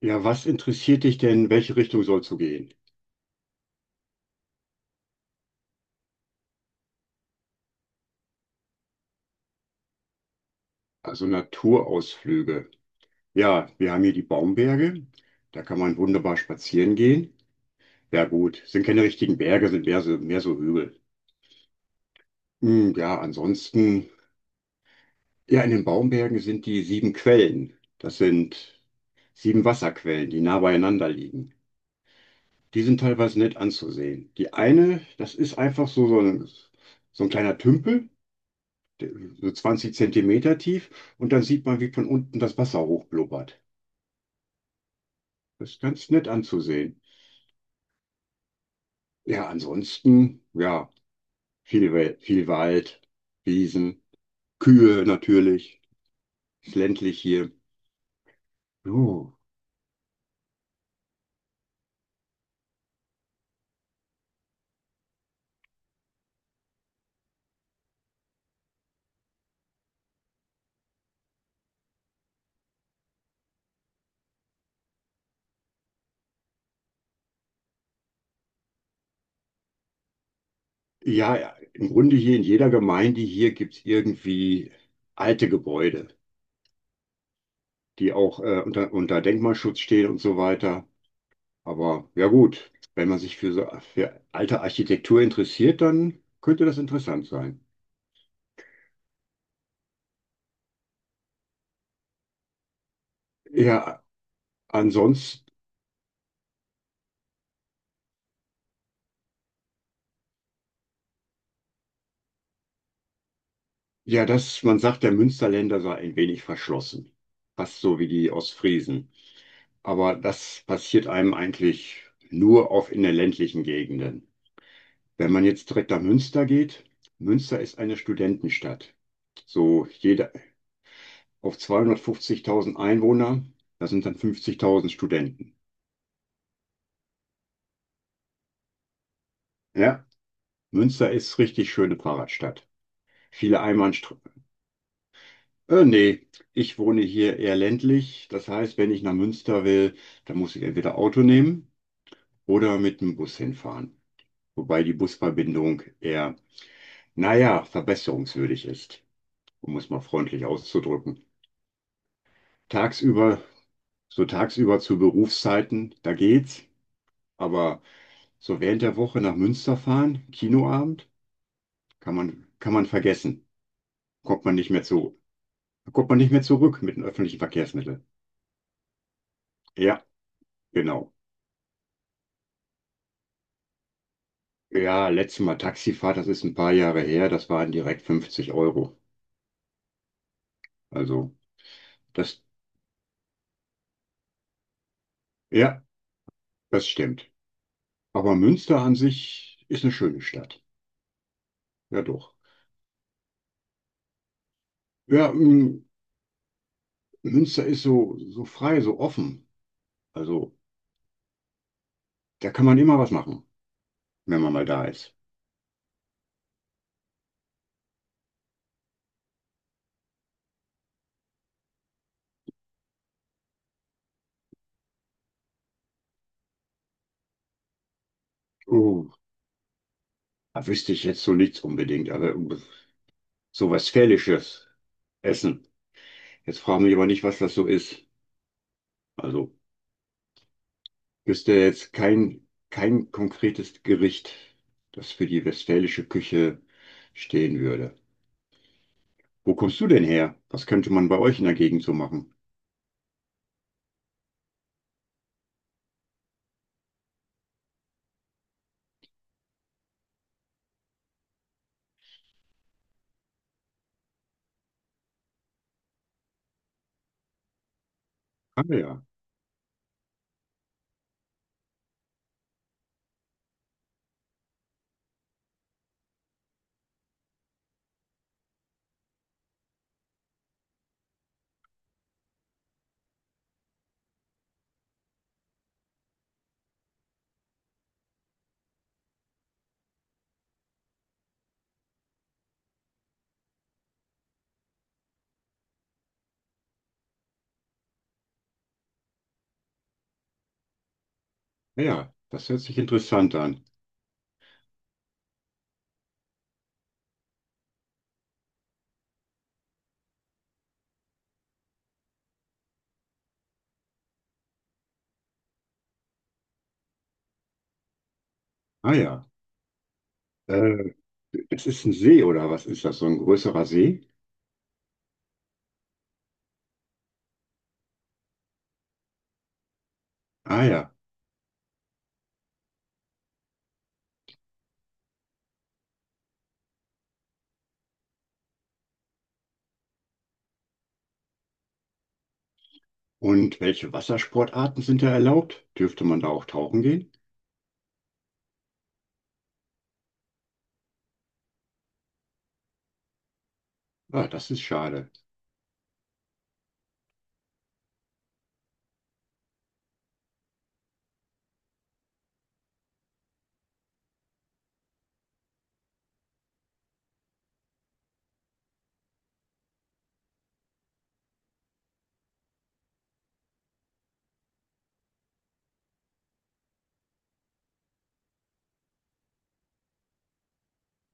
Ja, was interessiert dich denn, in welche Richtung sollst du gehen? Also Naturausflüge. Ja, wir haben hier die Baumberge. Da kann man wunderbar spazieren gehen. Ja, gut, sind keine richtigen Berge, sind mehr so Hügel. Ja, ansonsten, ja, in den Baumbergen sind die sieben Quellen. Das sind sieben Wasserquellen, die nah beieinander liegen. Die sind teilweise nett anzusehen. Die eine, das ist einfach so ein kleiner Tümpel, der- so 20 Zentimeter tief, und dann sieht man, wie von unten das Wasser hochblubbert. Das ist ganz nett anzusehen. Ja, ansonsten, ja, viel Wald, Wiesen, Kühe natürlich, ist ländlich hier. Puh. Ja, ja, im Grunde hier in jeder Gemeinde hier gibt es irgendwie alte Gebäude, die auch unter Denkmalschutz stehen und so weiter. Aber ja gut, wenn man sich für alte Architektur interessiert, dann könnte das interessant sein. Ja, ansonsten, ja, man sagt, der Münsterländer sei ein wenig verschlossen. Fast so wie die Ostfriesen. Aber das passiert einem eigentlich nur auf in den ländlichen Gegenden. Wenn man jetzt direkt nach Münster geht, Münster ist eine Studentenstadt. So jeder auf 250.000 Einwohner, da sind dann 50.000 Studenten. Ja, Münster ist richtig schöne Fahrradstadt. Viele Einbahnst nee, ich wohne hier eher ländlich. Das heißt, wenn ich nach Münster will, dann muss ich entweder Auto nehmen oder mit dem Bus hinfahren. Wobei die Busverbindung eher, naja, verbesserungswürdig ist, um es mal freundlich auszudrücken. Tagsüber, so tagsüber zu Berufszeiten, da geht's. Aber so während der Woche nach Münster fahren, Kinoabend, kann man vergessen. Kommt man nicht mehr zu, kommt man nicht mehr zurück mit den öffentlichen Verkehrsmitteln. Ja, genau. Ja, letztes Mal Taxifahrt, das ist ein paar Jahre her, das waren direkt 50 Euro. Also, das, ja, das stimmt. Aber Münster an sich ist eine schöne Stadt. Ja, doch. Ja, Münster ist so frei, so offen. Also, da kann man immer was machen, wenn man mal da ist. Oh, da wüsste ich jetzt so nichts unbedingt, aber so was Westfälisches essen. Jetzt fragen mich aber nicht, was das so ist. Also, wüsste jetzt kein konkretes Gericht, das für die westfälische Küche stehen würde. Wo kommst du denn her? Was könnte man bei euch in der Gegend so machen? Ah ja, ah ja, das hört sich interessant an. Ah ja, äh, das ist ein See oder was ist das? So ein größerer See? Ah ja. Und welche Wassersportarten sind da erlaubt? Dürfte man da auch tauchen gehen? Ah, das ist schade.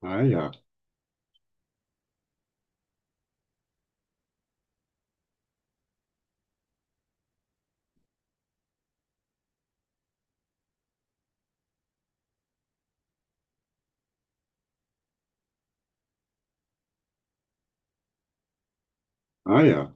Ah ja, ah ja.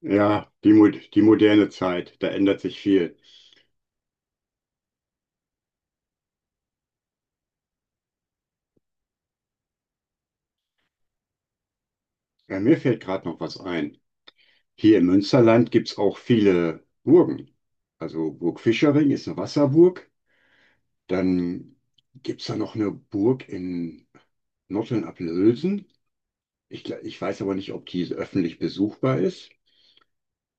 Ja, die moderne Zeit, da ändert sich viel. Ja, mir fällt gerade noch was ein. Hier im Münsterland gibt es auch viele Burgen. Also Burg Fischering ist eine Wasserburg. Dann gibt es da noch eine Burg in Notteln-Apelhülsen. Ich weiß aber nicht, ob die öffentlich besuchbar ist.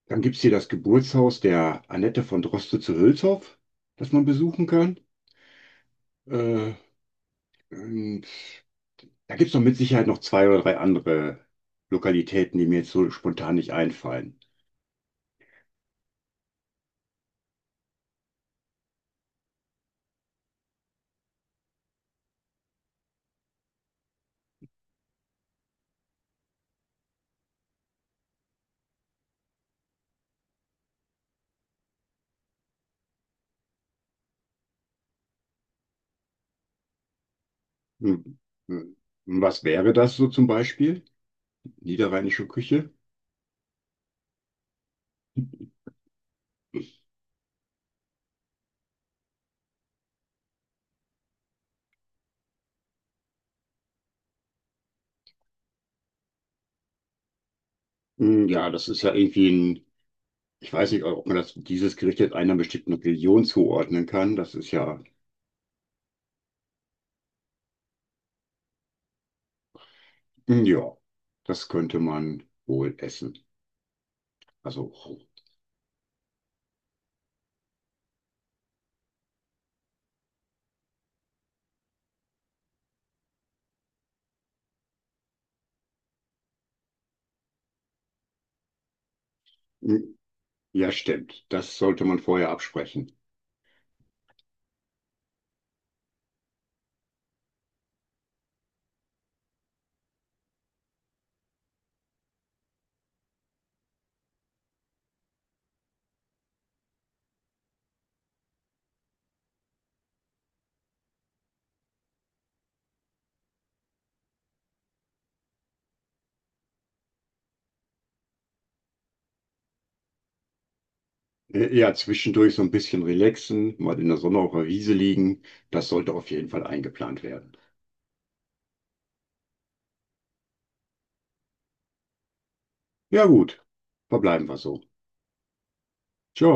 Dann gibt es hier das Geburtshaus der Annette von Droste zu Hülshoff, das man besuchen kann. Äh, und da gibt es noch mit Sicherheit noch zwei oder drei andere Lokalitäten, die mir jetzt so spontan nicht einfallen. Hm. Hm. Und was wäre das so zum Beispiel? Niederrheinische Küche? Ja, das ist ja irgendwie ich weiß nicht, ob man dieses Gericht jetzt einer bestimmten Region zuordnen kann. Das ist ja, ja, das könnte man wohl essen. Also, hm, ja, stimmt. Das sollte man vorher absprechen. Ja, zwischendurch so ein bisschen relaxen, mal in der Sonne auf der Wiese liegen. Das sollte auf jeden Fall eingeplant werden. Ja, gut. Verbleiben wir so. Ciao.